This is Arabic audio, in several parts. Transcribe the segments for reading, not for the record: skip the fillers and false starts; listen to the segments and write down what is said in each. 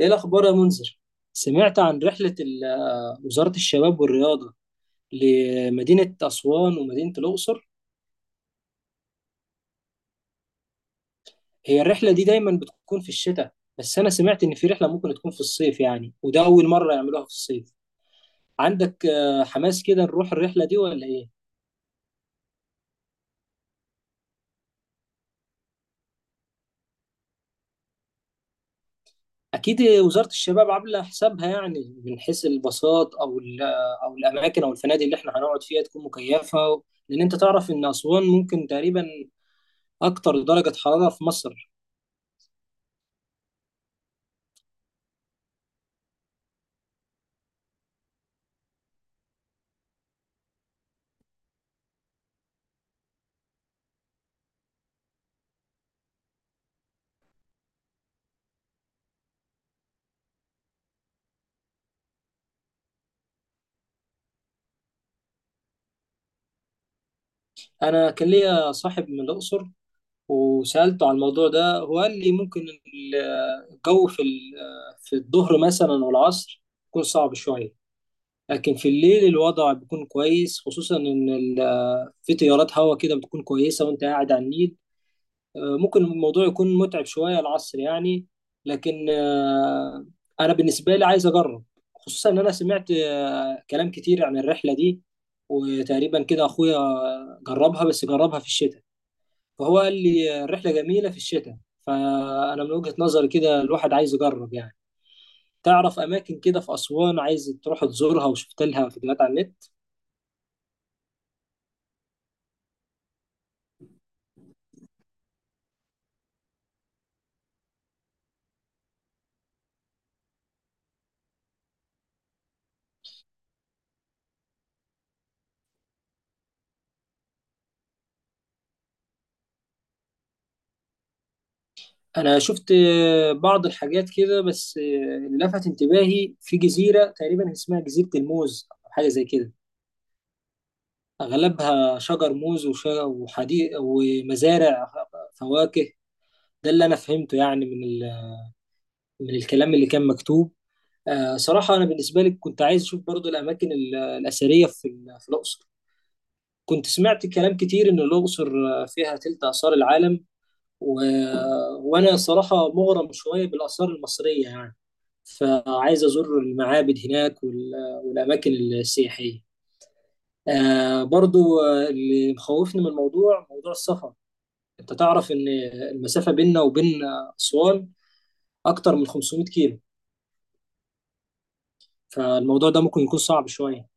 ايه الاخبار يا منذر؟ سمعت عن رحله وزاره الشباب والرياضه لمدينه اسوان ومدينه الاقصر. هي الرحله دي دايما بتكون في الشتاء، بس انا سمعت ان في رحله ممكن تكون في الصيف، يعني وده اول مره يعملوها في الصيف. عندك حماس كده نروح الرحله دي ولا ايه؟ اكيد وزاره الشباب عامله حسابها، يعني من حيث الباصات او او الاماكن او الفنادق اللي احنا هنقعد فيها تكون مكيفه، لان انت تعرف ان اسوان ممكن تقريبا اكتر درجه حراره في مصر. انا كان ليا صاحب من الاقصر وسالته عن الموضوع ده، هو قال لي ممكن الجو في في الظهر مثلا والعصر يكون صعب شويه، لكن في الليل الوضع بيكون كويس، خصوصا ان في تيارات هواء كده بتكون كويسه وانت قاعد على النيل. ممكن الموضوع يكون متعب شويه العصر، يعني لكن انا بالنسبه لي عايز اجرب، خصوصا ان انا سمعت كلام كتير عن الرحله دي. وتقريبا كده اخويا جربها، بس جربها في الشتاء، فهو قال لي الرحلة جميلة في الشتاء، فأنا من وجهة نظري كده الواحد عايز يجرب، يعني تعرف أماكن كده في أسوان عايز تروح تزورها، وشفت لها فيديوهات على النت. أنا شفت بعض الحاجات كده، بس اللي لفت انتباهي في جزيرة تقريبا اسمها جزيرة الموز أو حاجة زي كده. أغلبها شجر موز وحديق ومزارع فواكه، ده اللي أنا فهمته، يعني من الكلام اللي كان مكتوب. صراحة أنا بالنسبة لي كنت عايز أشوف برضو الأماكن الأثرية في في الأقصر، كنت سمعت كلام كتير إن الأقصر فيها تلت آثار العالم، و... وأنا صراحة مغرم شوية بالآثار المصرية، يعني فعايز أزور المعابد هناك والأماكن السياحية. برضو اللي مخوفني من الموضوع موضوع السفر، أنت تعرف إن المسافة بيننا وبين أسوان أكتر من 500 كيلو، فالموضوع ده ممكن يكون صعب شوية.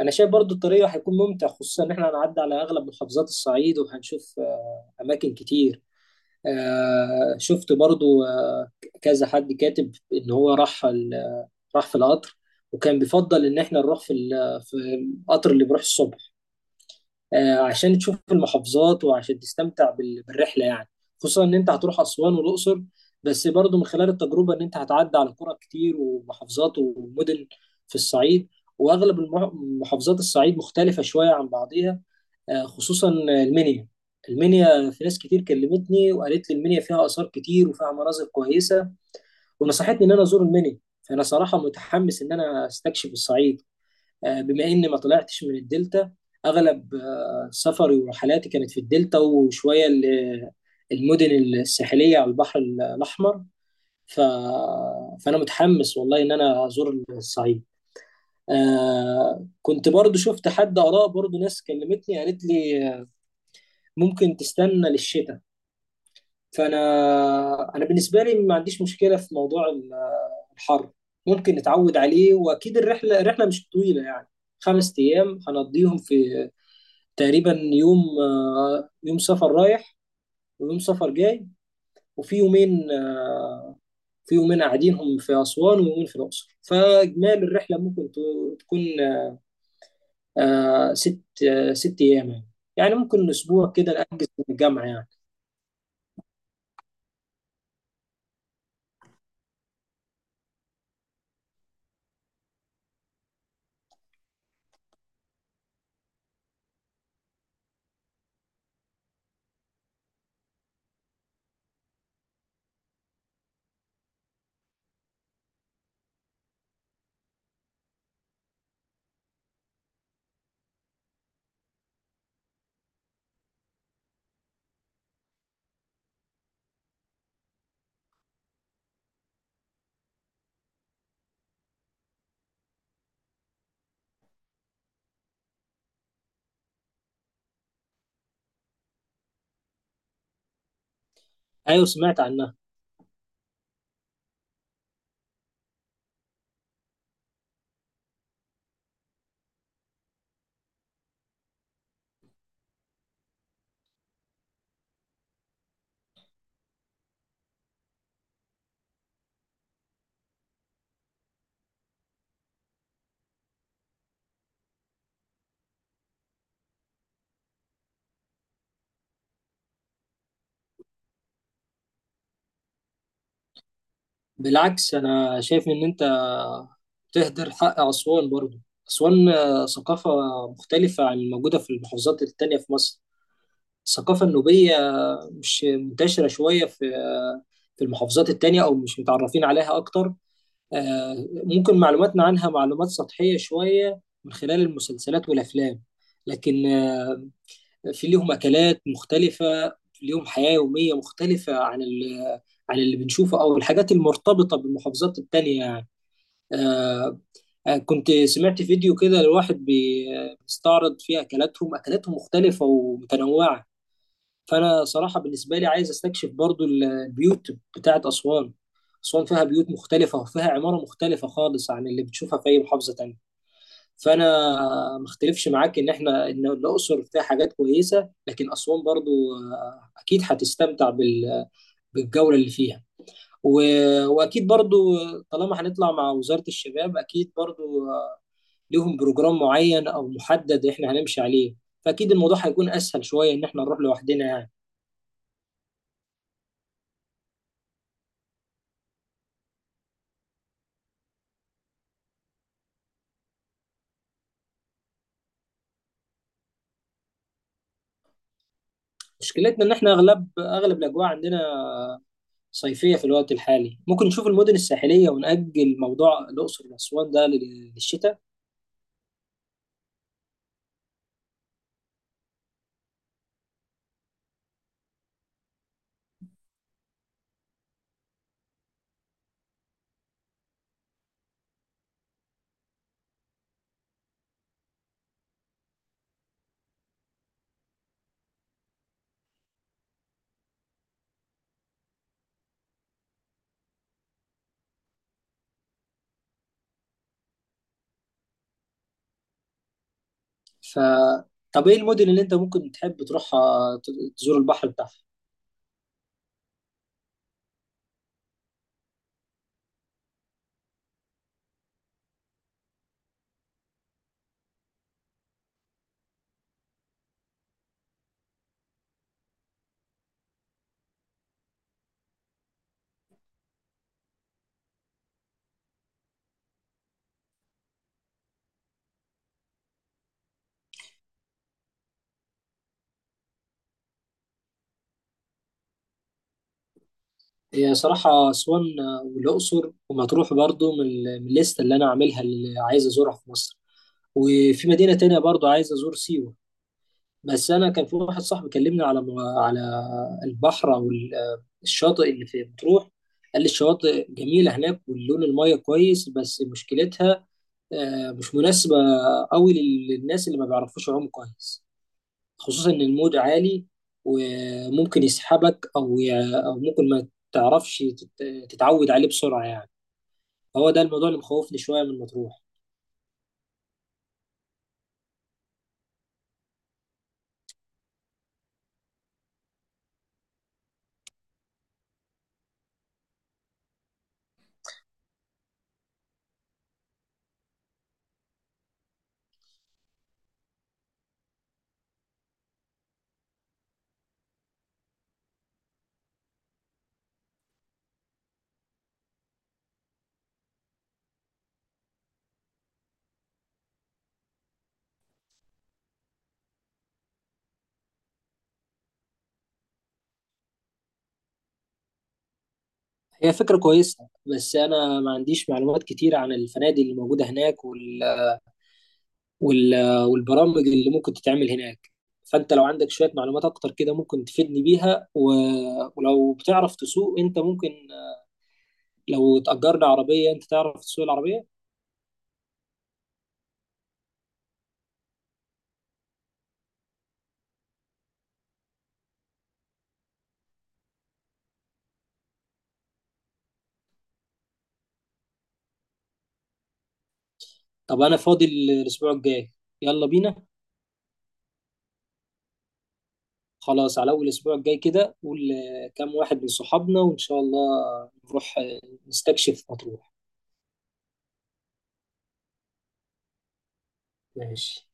انا شايف برضو الطريق هيكون ممتع، خصوصا ان احنا هنعدي على اغلب محافظات الصعيد وهنشوف اماكن كتير. شفت برضو كذا حد كاتب ان هو راح في القطر، وكان بيفضل ان احنا نروح في في القطر اللي بيروح الصبح، عشان تشوف المحافظات وعشان تستمتع بالرحلة، يعني خصوصا ان انت هتروح اسوان والاقصر، بس برضو من خلال التجربة ان انت هتعدي على قرى كتير ومحافظات ومدن في الصعيد، واغلب محافظات الصعيد مختلفة شوية عن بعضيها. خصوصا المنيا. المنيا في ناس كتير كلمتني وقالت لي المنيا فيها آثار كتير وفيها مناظر كويسة، ونصحتني ان انا ازور المنيا، فانا صراحة متحمس ان انا استكشف الصعيد. بما اني ما طلعتش من الدلتا، اغلب سفري ورحلاتي كانت في الدلتا، وشويه المدن الساحليه على البحر الاحمر، ف... فانا متحمس والله ان انا ازور الصعيد. كنت برضو شفت حد اراء، برضو ناس كلمتني قالت لي ممكن تستنى للشتاء. فانا بالنسبه لي ما عنديش مشكله في موضوع الحر، ممكن نتعود عليه، واكيد الرحله مش طويله، يعني 5 ايام هنقضيهم في تقريبا يوم يوم سفر رايح ويوم سفر جاي. وفي يومين قاعدينهم في أسوان ويومين في الأقصر، فإجمالي الرحلة ممكن تكون آه، ست 6 أيام، يعني يعني ممكن أسبوع كده نأجز من الجامعة، يعني. أيوة سمعت عنها. بالعكس أنا شايف إن أنت تهدر حق أسوان برضه، أسوان ثقافة مختلفة عن الموجودة في المحافظات التانية في مصر، الثقافة النوبية مش منتشرة شوية في المحافظات التانية أو مش متعرفين عليها أكتر، ممكن معلوماتنا عنها معلومات سطحية شوية من خلال المسلسلات والأفلام، لكن في ليهم أكلات مختلفة، في ليهم حياة يومية مختلفة عن عن اللي بنشوفه أو الحاجات المرتبطة بالمحافظات التانية، يعني. آه، كنت سمعت فيديو كده لواحد بيستعرض فيه أكلاتهم، أكلاتهم مختلفة ومتنوعة. فانا صراحه بالنسبه لي عايز استكشف برضو البيوت بتاعت اسوان، اسوان فيها بيوت مختلفه وفيها عماره مختلفه خالص عن اللي بتشوفها في اي محافظه تانية، فانا ما اختلفش معاك ان الاقصر فيها حاجات كويسه، لكن اسوان برضو اكيد هتستمتع بالجوله اللي فيها، واكيد برضو طالما هنطلع مع وزاره الشباب اكيد برضو ليهم بروجرام معين او محدد احنا هنمشي عليه، فاكيد الموضوع هيكون اسهل شويه ان احنا نروح لوحدنا، يعني مشكلتنا ان احنا اغلب الاجواء عندنا صيفيه في الوقت الحالي، ممكن نشوف المدن الساحليه ونأجل موضوع الاقصر واسوان ده للشتاء. ف طب ايه المدن اللي انت ممكن تحب تروحها تزور البحر بتاعها؟ هي صراحه اسوان والاقصر ومطروح برضو من من الليسته اللي انا عاملها اللي عايز ازورها في مصر، وفي مدينه تانية برضو عايز ازور سيوه، بس انا كان في واحد صاحبي كلمني على على البحر او الشاطئ اللي في مطروح. قال لي الشواطئ جميله هناك واللون الميه كويس، بس مشكلتها مش مناسبه قوي للناس اللي ما بيعرفوش يعوموا كويس، خصوصا ان الموج عالي وممكن يسحبك او او ممكن ما تعرفش تتعود عليه بسرعه، يعني هو ده الموضوع اللي مخوفني شويه من مطروح. هي فكره كويسه، بس انا ما عنديش معلومات كتير عن الفنادق اللي موجوده هناك والبرامج اللي ممكن تتعمل هناك، فانت لو عندك شوية معلومات اكتر كده ممكن تفيدني بيها، ولو بتعرف تسوق انت ممكن لو تأجرنا عربية، انت تعرف تسوق العربية؟ طب انا فاضي الاسبوع الجاي، يلا بينا. خلاص على اول الاسبوع الجاي كده قول كام واحد من صحابنا، وان شاء الله نروح نستكشف مطروح، ماشي.